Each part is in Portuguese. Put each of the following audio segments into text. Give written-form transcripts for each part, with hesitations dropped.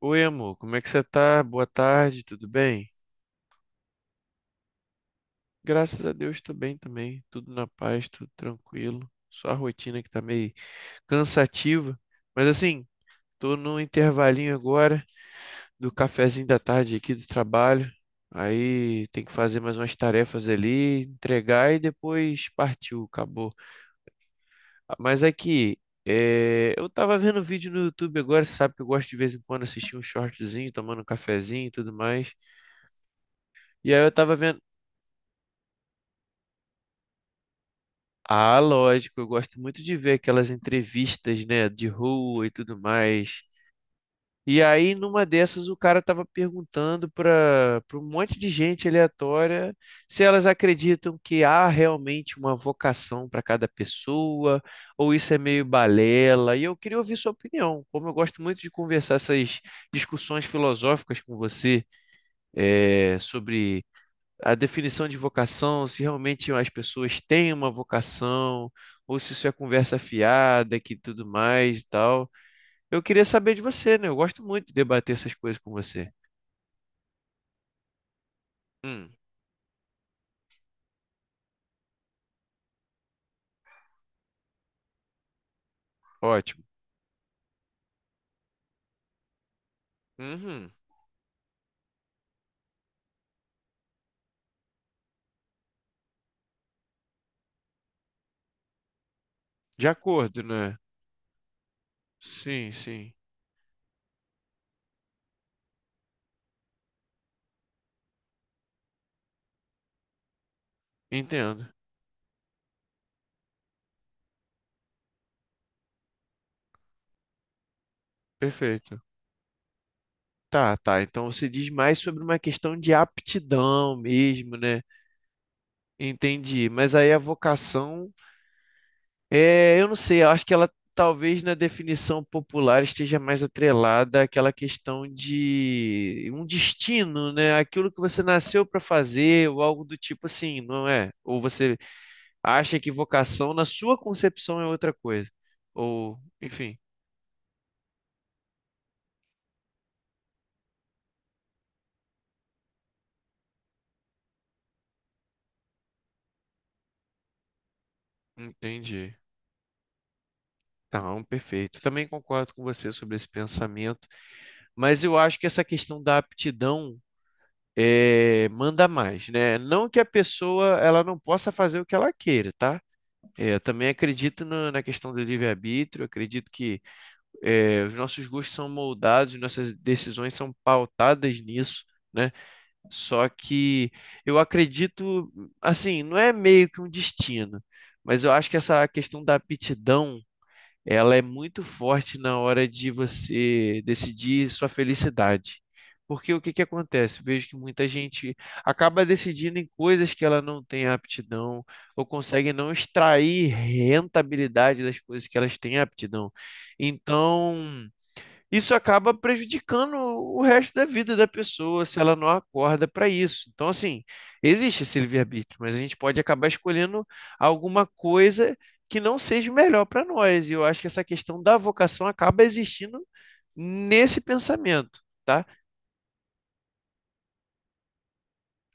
Oi, amor, como é que você tá? Boa tarde, tudo bem? Graças a Deus, tô bem também, tudo na paz, tudo tranquilo. Só a rotina que tá meio cansativa, mas assim, tô num intervalinho agora do cafezinho da tarde aqui do trabalho. Aí tem que fazer mais umas tarefas ali, entregar e depois partiu, acabou. Ah, mas aqui, eu tava vendo vídeo no YouTube agora, você sabe que eu gosto de vez em quando assistir um shortzinho, tomando um cafezinho e tudo mais. E aí eu tava vendo. Ah, lógico, eu gosto muito de ver aquelas entrevistas, né, de rua e tudo mais. E aí, numa dessas, o cara tava perguntando para um monte de gente aleatória se elas acreditam que há realmente uma vocação para cada pessoa, ou isso é meio balela. E eu queria ouvir sua opinião. Como eu gosto muito de conversar essas discussões filosóficas com você, sobre a definição de vocação, se realmente as pessoas têm uma vocação, ou se isso é conversa fiada que tudo mais e tal. Eu queria saber de você, né? Eu gosto muito de debater essas coisas com você. Hum, ótimo. Uhum. De acordo, né? Sim, sim. Entendo. Perfeito. Tá, tá. Então você diz mais sobre uma questão de aptidão mesmo, né? Entendi. Mas aí a vocação. É, eu não sei, eu acho que ela talvez na definição popular esteja mais atrelada àquela questão de um destino, né? Aquilo que você nasceu para fazer, ou algo do tipo assim, não é? Ou você acha que vocação na sua concepção é outra coisa. Ou, enfim, entendi. Tá, um perfeito. Também concordo com você sobre esse pensamento, mas eu acho que essa questão da aptidão é, manda mais, né? Não que a pessoa ela não possa fazer o que ela queira, tá? É, eu também acredito na questão do livre-arbítrio, acredito que é, os nossos gostos são moldados, nossas decisões são pautadas nisso, né? Só que eu acredito, assim, não é meio que um destino, mas eu acho que essa questão da aptidão ela é muito forte na hora de você decidir sua felicidade. Porque o que que acontece? Vejo que muita gente acaba decidindo em coisas que ela não tem aptidão ou consegue não extrair rentabilidade das coisas que elas têm aptidão. Então, isso acaba prejudicando o resto da vida da pessoa se ela não acorda para isso. Então, assim, existe esse livre-arbítrio, mas a gente pode acabar escolhendo alguma coisa que não seja o melhor para nós. E eu acho que essa questão da vocação acaba existindo nesse pensamento. Tá?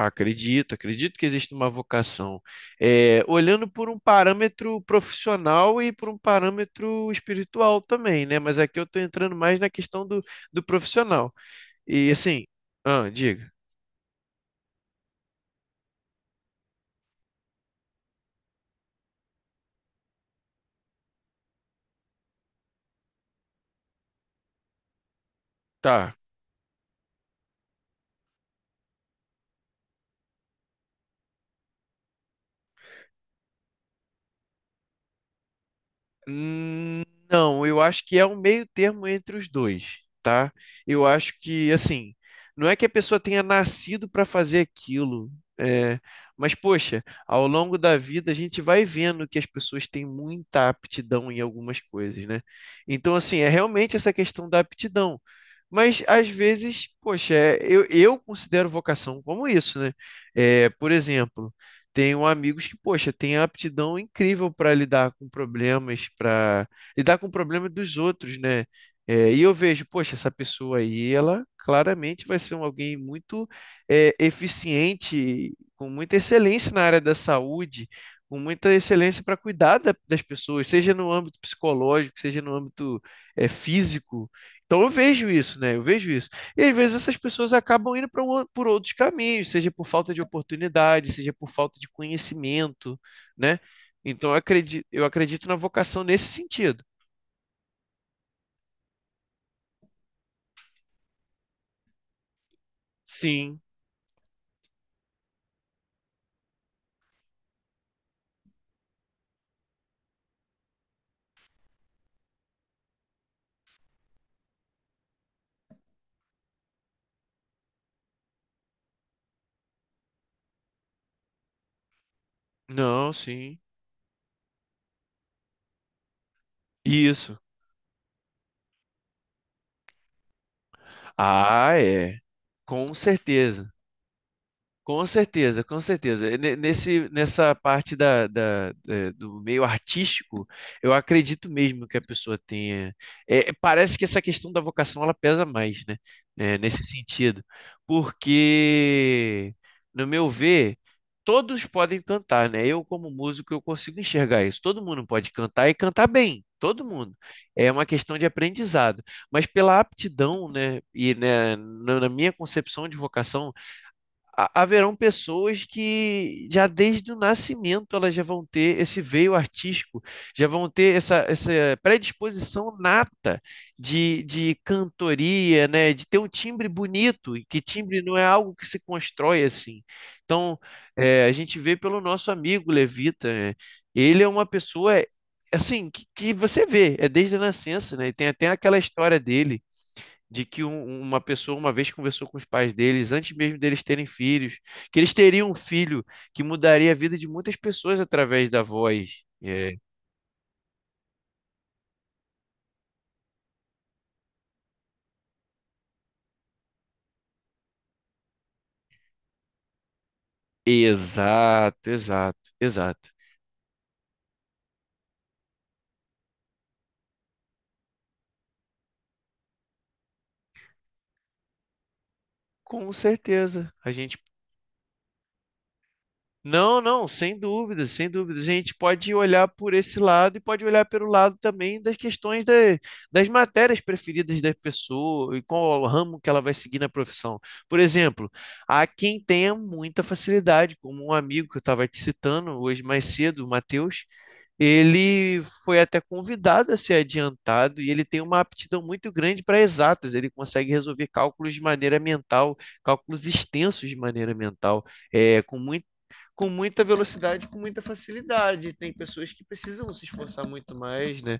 Acredito, acredito que existe uma vocação. É, olhando por um parâmetro profissional e por um parâmetro espiritual também, né? Mas aqui eu estou entrando mais na questão do, do profissional. E assim, ah, diga, tá. Hum, não, eu acho que é um meio termo entre os dois, tá? Eu acho que, assim, não é que a pessoa tenha nascido para fazer aquilo, é, mas, poxa, ao longo da vida a gente vai vendo que as pessoas têm muita aptidão em algumas coisas, né? Então, assim, é realmente essa questão da aptidão. Mas às vezes, poxa, é, eu considero vocação como isso, né? É, por exemplo. Tenho amigos que, poxa, têm aptidão incrível para lidar com problemas, para lidar com problemas dos outros, né? É, e eu vejo, poxa, essa pessoa aí, ela claramente vai ser alguém muito é, eficiente, com muita excelência na área da saúde, com muita excelência para cuidar das pessoas, seja no âmbito psicológico, seja no âmbito é, físico. Então eu vejo isso, né? Eu vejo isso. E às vezes essas pessoas acabam indo por outros caminhos, seja por falta de oportunidade, seja por falta de conhecimento, né? Então eu acredito na vocação nesse sentido. Sim, não, sim. Isso. Ah, é. Com certeza. Com certeza, com certeza. Nesse, nessa parte da, do meio artístico, eu acredito mesmo que a pessoa tenha. Eh, parece que essa questão da vocação ela pesa mais, né? Eh, nesse sentido. Porque, no meu ver, todos podem cantar, né? Eu, como músico, eu consigo enxergar isso. Todo mundo pode cantar e cantar bem. Todo mundo. É uma questão de aprendizado. Mas pela aptidão, né? E né, na minha concepção de vocação haverão pessoas que já desde o nascimento elas já vão ter esse veio artístico, já vão ter essa, essa predisposição nata de cantoria, né? De ter um timbre bonito, e que timbre não é algo que se constrói assim. Então, eh, a gente vê pelo nosso amigo Levita, né? Ele é uma pessoa assim que você vê, é desde a nascença, né? E tem até aquela história dele de que uma pessoa uma vez conversou com os pais deles, antes mesmo deles terem filhos, que eles teriam um filho que mudaria a vida de muitas pessoas através da voz. É, exato, exato, exato. Com certeza, a gente. Não, não, sem dúvida, sem dúvida. A gente pode olhar por esse lado e pode olhar pelo lado também das questões das matérias preferidas da pessoa e qual o ramo que ela vai seguir na profissão. Por exemplo, há quem tenha muita facilidade, como um amigo que eu estava te citando hoje mais cedo, o Matheus, ele foi até convidado a ser adiantado e ele tem uma aptidão muito grande para exatas. Ele consegue resolver cálculos de maneira mental, cálculos extensos de maneira mental é, com muita velocidade, com muita facilidade. Tem pessoas que precisam se esforçar muito mais, né?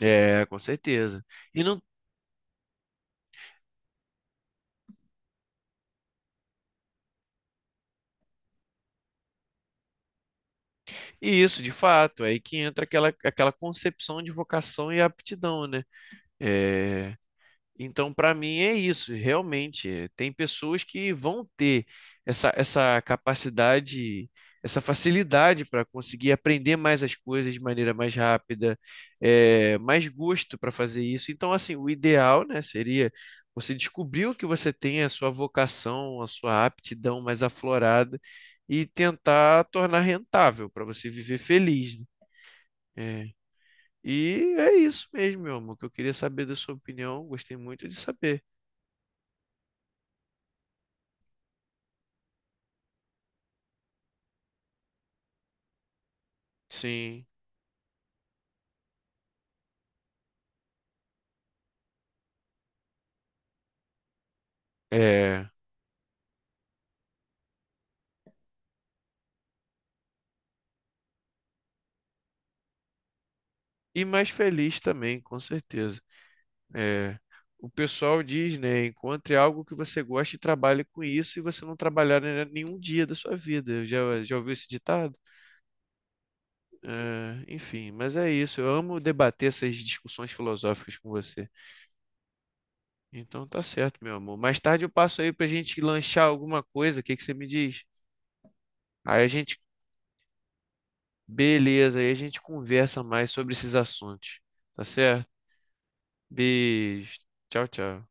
É, com certeza. E, não, e isso, de fato, é aí que entra aquela, aquela concepção de vocação e aptidão, né? É, então, para mim é isso, realmente. Tem pessoas que vão ter essa, essa capacidade, essa facilidade para conseguir aprender mais as coisas de maneira mais rápida, eh, mais gosto para fazer isso. Então, assim, o ideal, né, seria você descobrir o que você tem, a sua vocação, a sua aptidão mais aflorada e tentar tornar rentável para você viver feliz, né? É. E é isso mesmo, meu amor, que eu queria saber da sua opinião. Gostei muito de saber. Sim, é. E mais feliz também, com certeza. É. O pessoal diz, né? Encontre algo que você goste e trabalhe com isso, e você não trabalhar em nenhum dia da sua vida. Já, já ouviu esse ditado? É, enfim, mas é isso. Eu amo debater essas discussões filosóficas com você. Então tá certo, meu amor. Mais tarde eu passo aí pra gente lanchar alguma coisa. O que que você me diz? Aí a gente, beleza, aí a gente conversa mais sobre esses assuntos. Tá certo? Beijo. Tchau, tchau.